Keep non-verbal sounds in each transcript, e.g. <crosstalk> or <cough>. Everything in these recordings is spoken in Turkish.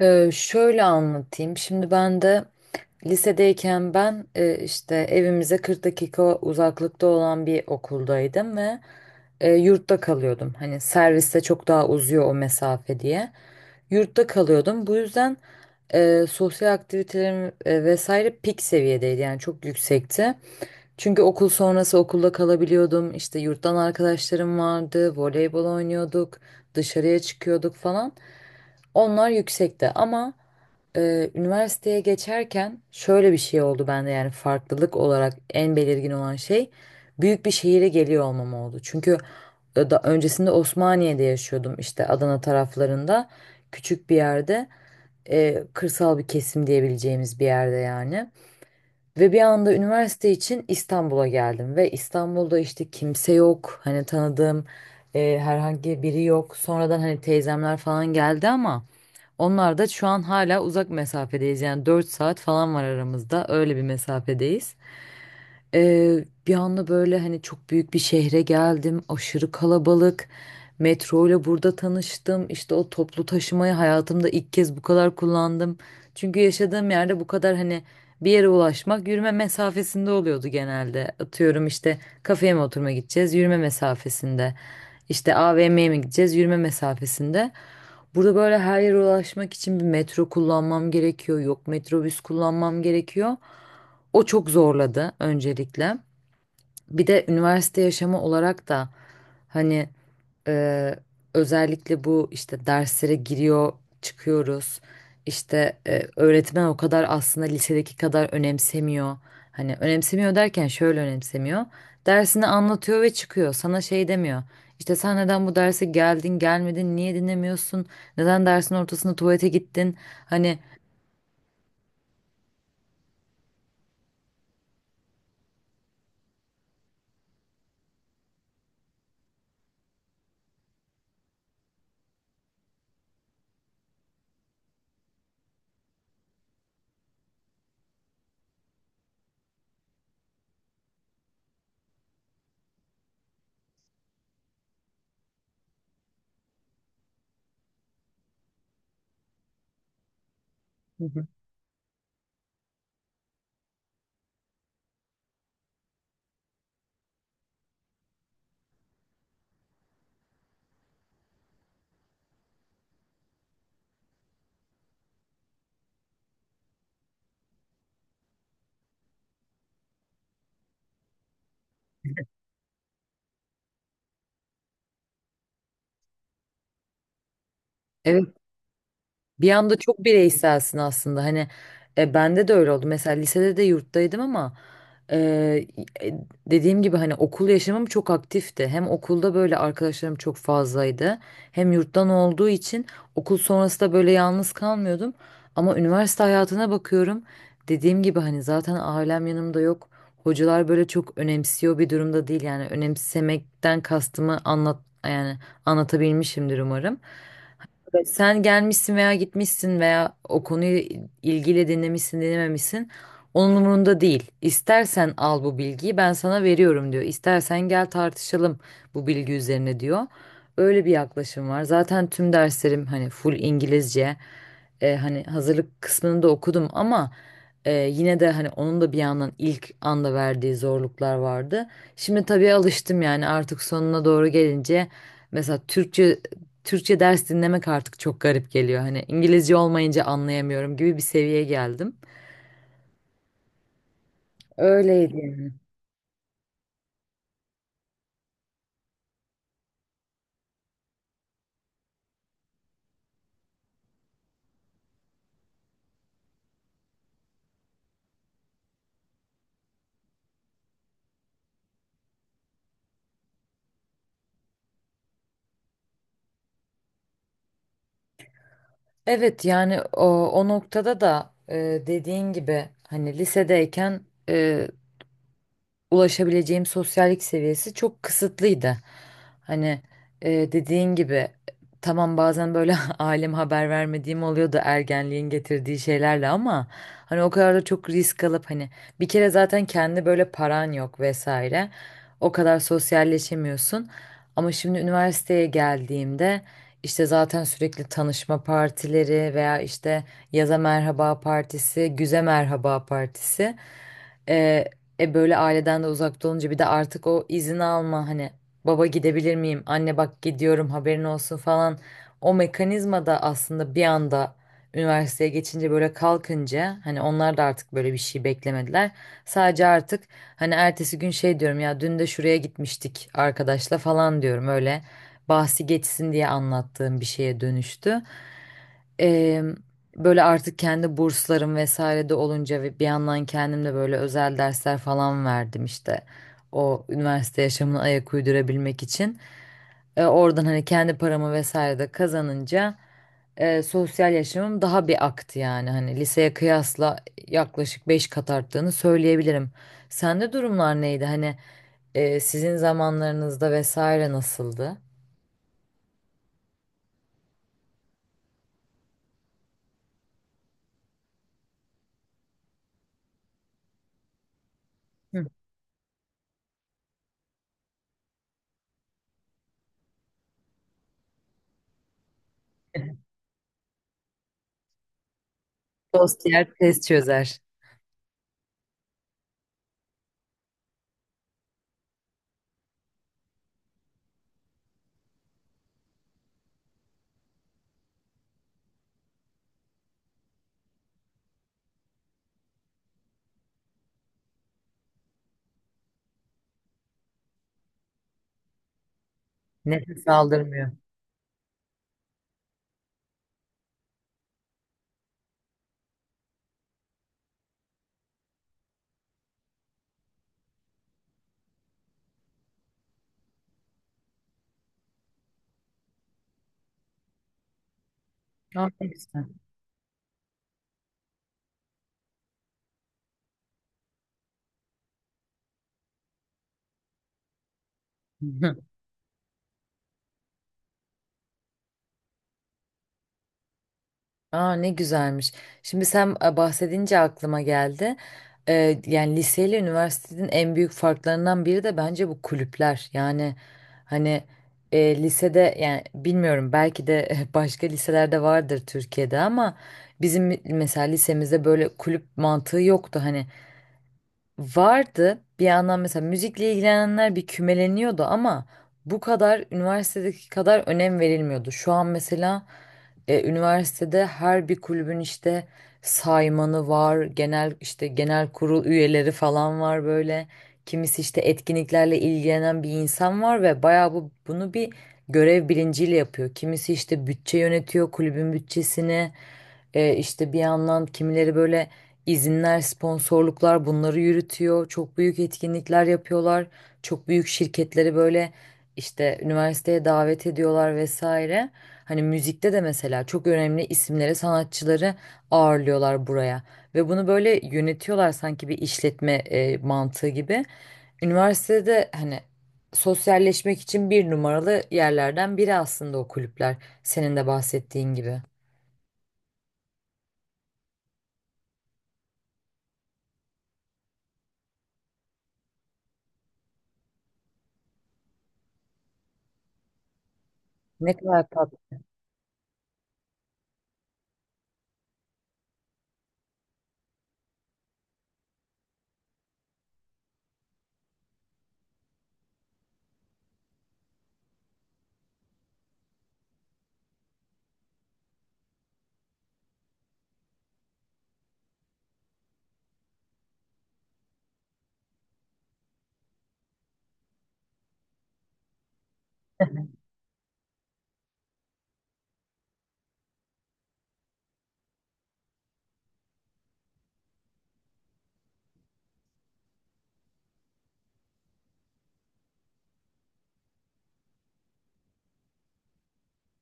Şöyle anlatayım. Şimdi ben de lisedeyken ben işte evimize 40 dakika uzaklıkta olan bir okuldaydım ve yurtta kalıyordum. Hani serviste çok daha uzuyor o mesafe diye. Yurtta kalıyordum. Bu yüzden sosyal aktivitelerim vesaire pik seviyedeydi. Yani çok yüksekti. Çünkü okul sonrası okulda kalabiliyordum. İşte yurttan arkadaşlarım vardı. Voleybol oynuyorduk. Dışarıya çıkıyorduk falan. Onlar yüksekti ama üniversiteye geçerken şöyle bir şey oldu bende, yani farklılık olarak en belirgin olan şey büyük bir şehire geliyor olmam oldu. Çünkü e, da öncesinde Osmaniye'de yaşıyordum, işte Adana taraflarında küçük bir yerde, kırsal bir kesim diyebileceğimiz bir yerde yani. Ve bir anda üniversite için İstanbul'a geldim ve İstanbul'da işte kimse yok, hani tanıdığım herhangi biri yok. Sonradan hani teyzemler falan geldi ama. Onlar da şu an hala uzak mesafedeyiz. Yani 4 saat falan var aramızda. Öyle bir mesafedeyiz. Bir anda böyle hani çok büyük bir şehre geldim. Aşırı kalabalık. Metro ile burada tanıştım. İşte o toplu taşımayı hayatımda ilk kez bu kadar kullandım. Çünkü yaşadığım yerde bu kadar hani bir yere ulaşmak yürüme mesafesinde oluyordu genelde. Atıyorum işte kafeye mi oturma gideceğiz, yürüme mesafesinde. İşte AVM'ye mi gideceğiz, yürüme mesafesinde. Burada böyle her yere ulaşmak için bir metro kullanmam gerekiyor. Yok, metrobüs kullanmam gerekiyor. O çok zorladı öncelikle. Bir de üniversite yaşamı olarak da hani e, özellikle bu işte derslere giriyor, çıkıyoruz. İşte öğretmen o kadar aslında lisedeki kadar önemsemiyor. Hani önemsemiyor derken şöyle önemsemiyor. Dersini anlatıyor ve çıkıyor. Sana şey demiyor. İşte sen neden bu derse geldin, gelmedin, niye dinlemiyorsun? Neden dersin ortasında tuvalete gittin? Hani. Hı hı. Evet. Bir anda çok bireyselsin aslında. Hani bende de öyle oldu. Mesela lisede de yurttaydım ama, e, e, dediğim gibi, hani okul yaşamım çok aktifti. Hem okulda böyle arkadaşlarım çok fazlaydı. Hem yurttan olduğu için okul sonrası da böyle yalnız kalmıyordum. Ama üniversite hayatına bakıyorum. Dediğim gibi, hani zaten ailem yanımda yok. Hocalar böyle çok önemsiyor bir durumda değil. Yani önemsemekten kastımı anlat, yani anlatabilmişimdir umarım. Evet, sen gelmişsin veya gitmişsin veya o konuyu ilgiyle dinlemişsin, dinlememişsin. Onun umurunda değil. İstersen al bu bilgiyi, ben sana veriyorum diyor. İstersen gel tartışalım bu bilgi üzerine, diyor. Öyle bir yaklaşım var. Zaten tüm derslerim hani full İngilizce. Hani hazırlık kısmını da okudum ama yine de hani onun da bir yandan ilk anda verdiği zorluklar vardı. Şimdi tabii alıştım, yani artık sonuna doğru gelince mesela Türkçe ders dinlemek artık çok garip geliyor. Hani İngilizce olmayınca anlayamıyorum gibi bir seviyeye geldim. Öyleydi yani. Evet, yani o noktada da dediğin gibi hani lisedeyken e, ulaşabileceğim sosyallik seviyesi çok kısıtlıydı. Hani dediğin gibi, tamam bazen böyle <laughs> aileme haber vermediğim oluyordu ergenliğin getirdiği şeylerle ama hani o kadar da çok risk alıp hani, bir kere zaten kendi böyle paran yok vesaire. O kadar sosyalleşemiyorsun. Ama şimdi üniversiteye geldiğimde, işte zaten sürekli tanışma partileri veya işte yaza merhaba partisi, güze merhaba partisi. e, böyle aileden de uzakta olunca, bir de artık o izin alma, hani baba gidebilir miyim, anne bak gidiyorum haberin olsun falan. O mekanizma da aslında bir anda üniversiteye geçince böyle kalkınca, hani onlar da artık böyle bir şey beklemediler. Sadece artık hani ertesi gün şey diyorum ya, dün de şuraya gitmiştik arkadaşla falan diyorum, öyle bahsi geçsin diye anlattığım bir şeye dönüştü. Eee, böyle artık kendi burslarım vesaire de olunca ve bir yandan kendim de böyle özel dersler falan verdim işte. O üniversite yaşamını ayak uydurabilmek için. Oradan hani kendi paramı vesaire de kazanınca sosyal yaşamım daha bir aktı yani. Hani liseye kıyasla yaklaşık 5 kat arttığını söyleyebilirim. Sende durumlar neydi? Hani sizin zamanlarınızda vesaire nasıldı? Hı. Dost yer test çözer. Nefes aldırmıyor. Aa, ne güzel. <laughs> Hı. Aa, ne güzelmiş. Şimdi sen bahsedince aklıma geldi. Yani liseyle üniversitenin en büyük farklarından biri de bence bu kulüpler. Yani hani lisede, yani bilmiyorum belki de <laughs> başka liselerde vardır Türkiye'de ama bizim mesela lisemizde böyle kulüp mantığı yoktu. Hani vardı bir yandan, mesela müzikle ilgilenenler bir kümeleniyordu ama bu kadar üniversitedeki kadar önem verilmiyordu. Şu an mesela üniversitede her bir kulübün işte saymanı var, genel işte genel kurul üyeleri falan var böyle. Kimisi işte etkinliklerle ilgilenen bir insan var ve bayağı bunu bir görev bilinciyle yapıyor. Kimisi işte bütçe yönetiyor, kulübün bütçesini. İşte bir yandan kimileri böyle izinler, sponsorluklar bunları yürütüyor. Çok büyük etkinlikler yapıyorlar. Çok büyük şirketleri böyle işte üniversiteye davet ediyorlar vesaire. Hani müzikte de mesela çok önemli isimleri, sanatçıları ağırlıyorlar buraya. Ve bunu böyle yönetiyorlar, sanki bir işletme mantığı gibi. Üniversitede hani sosyalleşmek için bir numaralı yerlerden biri aslında o kulüpler. Senin de bahsettiğin gibi. Ne kadar.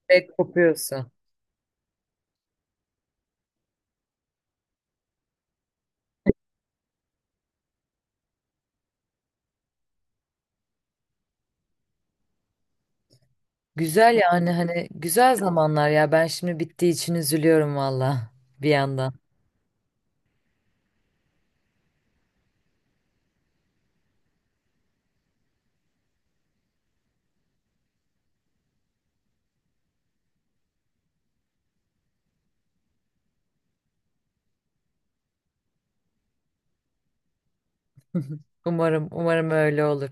Evet, kopuyorsun. Güzel, yani hani güzel zamanlar ya. Ben şimdi bittiği için üzülüyorum valla bir yandan. <laughs> Umarım, umarım öyle olur.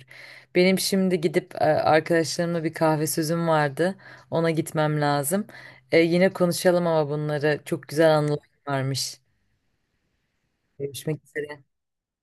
Benim şimdi gidip arkadaşlarımla bir kahve sözüm vardı. Ona gitmem lazım. Yine konuşalım ama, bunları çok güzel anılar varmış. Görüşmek üzere.